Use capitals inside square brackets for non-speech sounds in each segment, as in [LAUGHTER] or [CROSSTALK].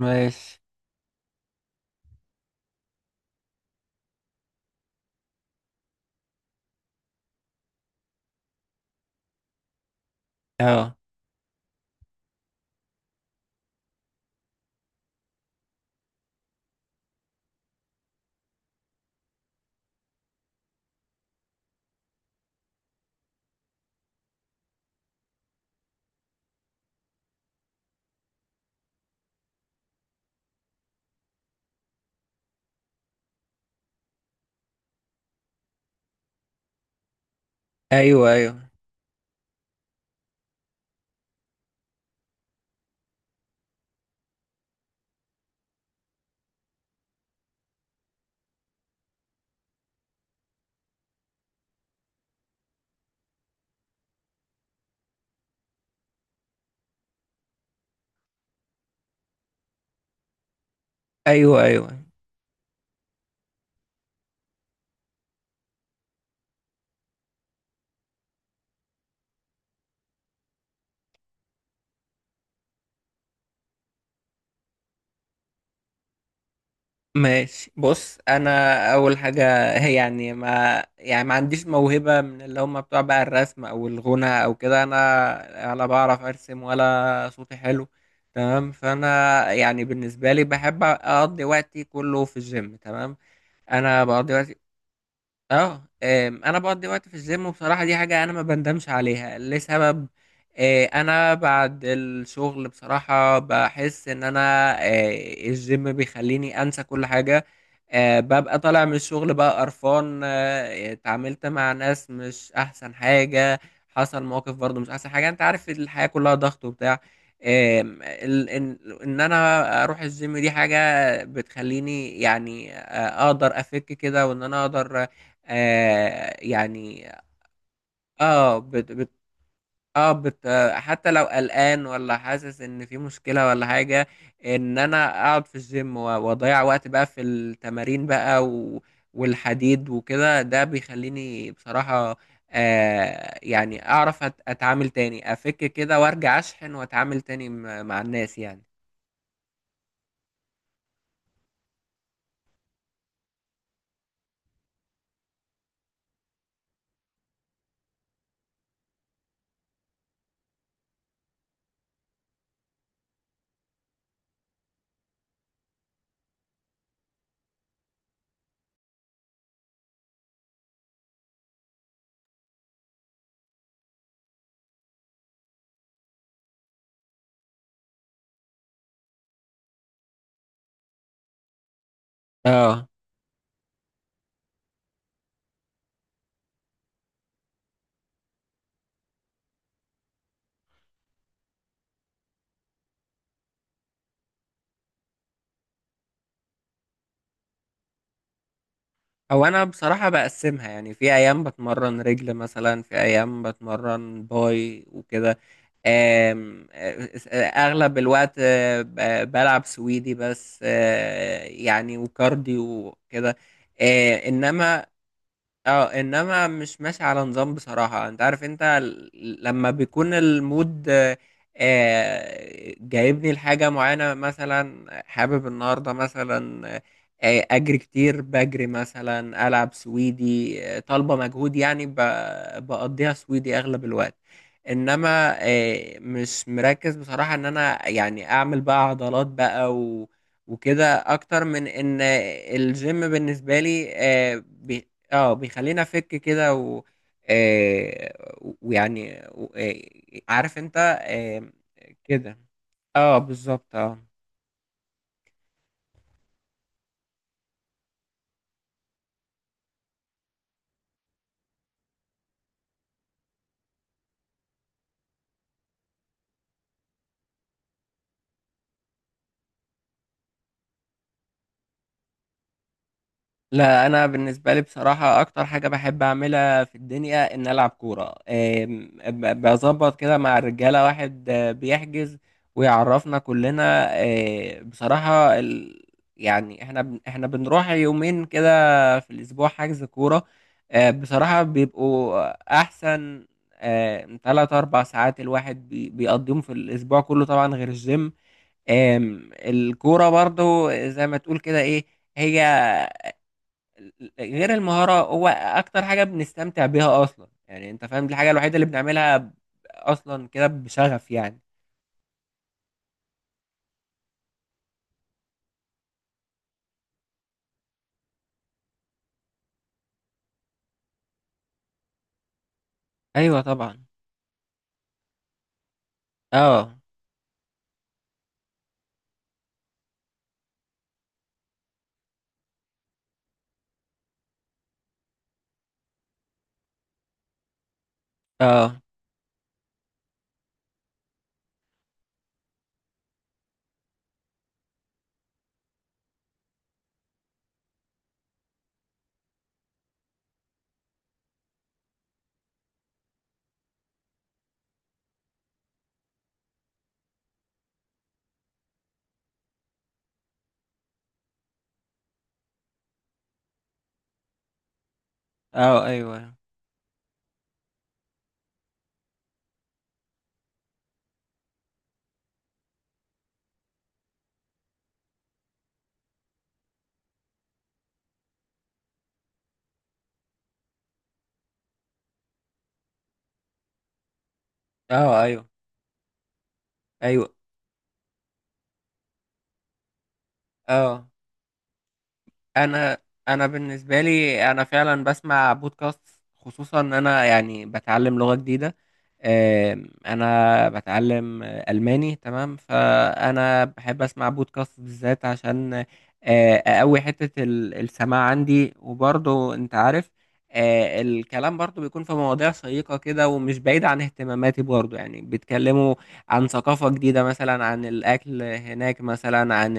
ماشي. اه، ايوه، ايوه، ايوه، ايوه. ماشي، بص انا. اول حاجه، [LAUGHS] هي يعني ما عنديش موهبه من اللي هم بتوع بقى الرسم او الغنى او كده. انا ولا بعرف ارسم، ولا صوتي حلو. تمام، فانا يعني بالنسبه لي بحب اقضي وقتي كله في الجيم. تمام، انا بقضي وقتي اه انا بقضي وقت في الجيم، وبصراحه دي حاجه انا ما بندمش عليها لسبب. انا بعد الشغل بصراحه بحس ان انا آه، الجيم بيخليني انسى كل حاجه. ببقى طالع من الشغل بقى قرفان، اتعاملت مع ناس مش احسن حاجه. حصل مواقف برضو مش احسن حاجه، انت عارف الحياه كلها ضغط وبتاع. آم، ال- ان إن انا اروح الجيم دي حاجه بتخليني يعني، اقدر افك كده، وان انا اقدر يعني اه بت بت اه بت آه، حتى لو قلقان ولا حاسس ان في مشكلة ولا حاجة، ان انا اقعد في الجيم و- واضيع وقت بقى في التمارين بقى و والحديد وكده، ده بيخليني بصراحة يعني اعرف اتعامل تاني، افك كده وارجع اشحن واتعامل تاني مع الناس يعني. اه، او انا بصراحة بقسمها يعني، في ايام بتمرن رجل مثلا، في ايام بتمرن باي وكده. آم، آه، آه، آه، اغلب الوقت بلعب سويدي بس، يعني وكارديو وكده. انما اه، مش ماشي على نظام بصراحة. انت عارف، انت لما بيكون المود جايبني لحاجة معينة، مثلا حابب النهاردة مثلا اجري كتير، بجري مثلا، العب سويدي طالبة مجهود، يعني بقضيها سويدي اغلب الوقت. انما مش مركز بصراحة ان انا يعني اعمل بقى عضلات بقى و وكده، اكتر من ان الجيم بالنسبه لي اه بيخلينا فك كده و ويعني عارف انت كده. اه، بالظبط، اه. لا، انا بالنسبه لي بصراحه اكتر حاجه بحب اعملها في الدنيا ان العب كوره. بظبط كده مع الرجاله، واحد بيحجز ويعرفنا كلنا. بصراحه يعني احنا بنروح يومين كده في الاسبوع حجز كوره. بصراحه بيبقوا احسن 3-4 ساعات الواحد بيقضيهم في الاسبوع كله، طبعا غير الجيم. الكوره برضو زي ما تقول كده، ايه هي غير المهارة، هو أكتر حاجة بنستمتع بيها أصلا. يعني أنت فاهم، دي الحاجة الوحيدة اللي بنعملها أصلا كده بشغف يعني. أيوه طبعا. أه. أه، أه، أيوه، أه، أيوه، أيوه، أه. انا انا بالنسبه لي، انا فعلا بسمع بودكاست، خصوصا ان انا يعني بتعلم لغه جديده. انا بتعلم الماني، تمام. فانا بحب اسمع بودكاست بالذات عشان اقوي حته السماع عندي، وبرضه انت عارف الكلام برضه بيكون في مواضيع شيقه كده، ومش بعيد عن اهتماماتي برضه، يعني بيتكلموا عن ثقافه جديده مثلا، عن الاكل هناك مثلا، عن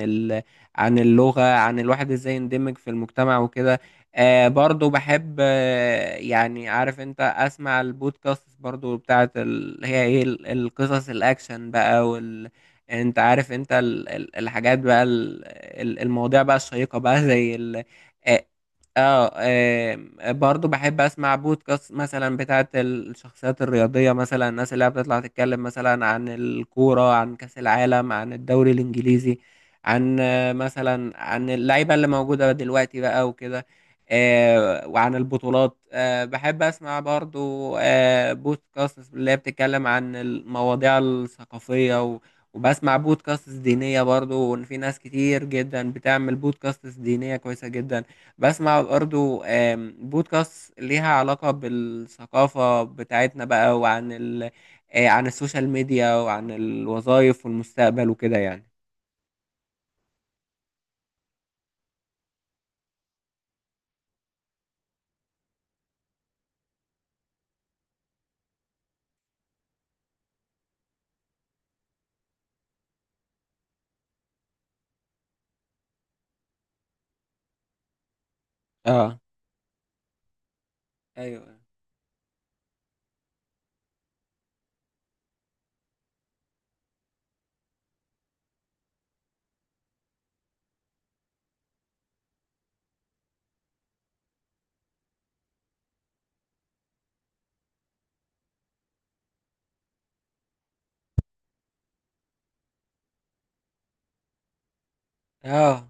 عن اللغة، عن الواحد ازاي يندمج في المجتمع وكده. برضو بحب، يعني عارف انت، اسمع البودكاست برضو بتاعت هي ايه، القصص الاكشن بقى وال، انت عارف انت الحاجات بقى، المواضيع بقى الشيقة بقى زي ال... آه، اه، برضو بحب اسمع بودكاست مثلا بتاعت الشخصيات الرياضية، مثلا الناس اللي هي بتطلع تتكلم مثلا عن الكورة، عن كأس العالم، عن الدوري الإنجليزي، عن عن اللعيبة اللي موجودة دلوقتي بقى وكده. وعن البطولات. بحب أسمع برضو بودكاست اللي هي بتتكلم عن المواضيع الثقافية، وبسمع بودكاست دينية برضو، وإن في ناس كتير جدا بتعمل بودكاست دينية كويسة جدا. بسمع برضو بودكاست ليها علاقة بالثقافة بتاعتنا بقى، وعن ال... آه، عن السوشيال ميديا، وعن الوظائف والمستقبل وكده يعني. اه، ايوه. اه،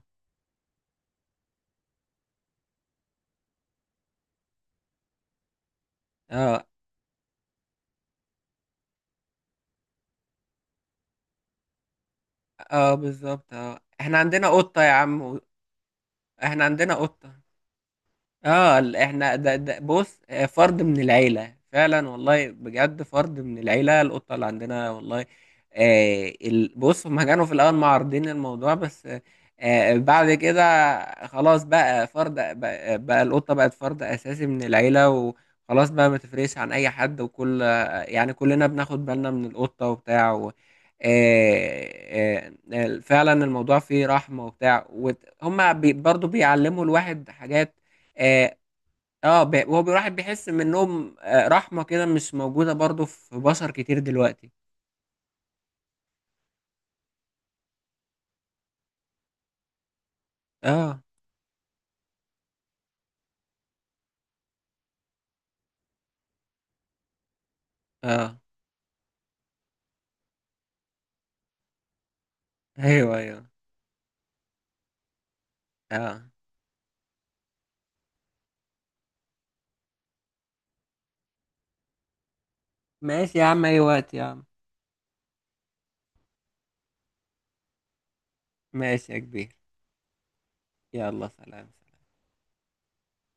اه، اه، بالظبط، اه. احنا عندنا قطة يا عم، احنا عندنا قطة. اه، احنا ده بص، فرد من العيله فعلا، والله، بجد فرد من العيله، القطه اللي عندنا والله. بص، هما كانوا في الاول معارضين الموضوع، بس بعد كده خلاص بقى. فرد بقى القطه بقت فرد اساسي من العيله، وخلاص بقى ما تفرقش عن اي حد. وكل آه، يعني كلنا بناخد بالنا من القطه وبتاع. و آه، آه، فعلا الموضوع فيه رحمه وبتاع، هما برضو بيعلموا الواحد حاجات. اه، هو الواحد بيحس من النوم رحمة كده مش موجودة برضو في بشر كتير دلوقتي. اه، اه. ايوه، ايوه، اه. ماشي يا عم، اي وقت يا عم. ماشي يا كبير. يلا سلام.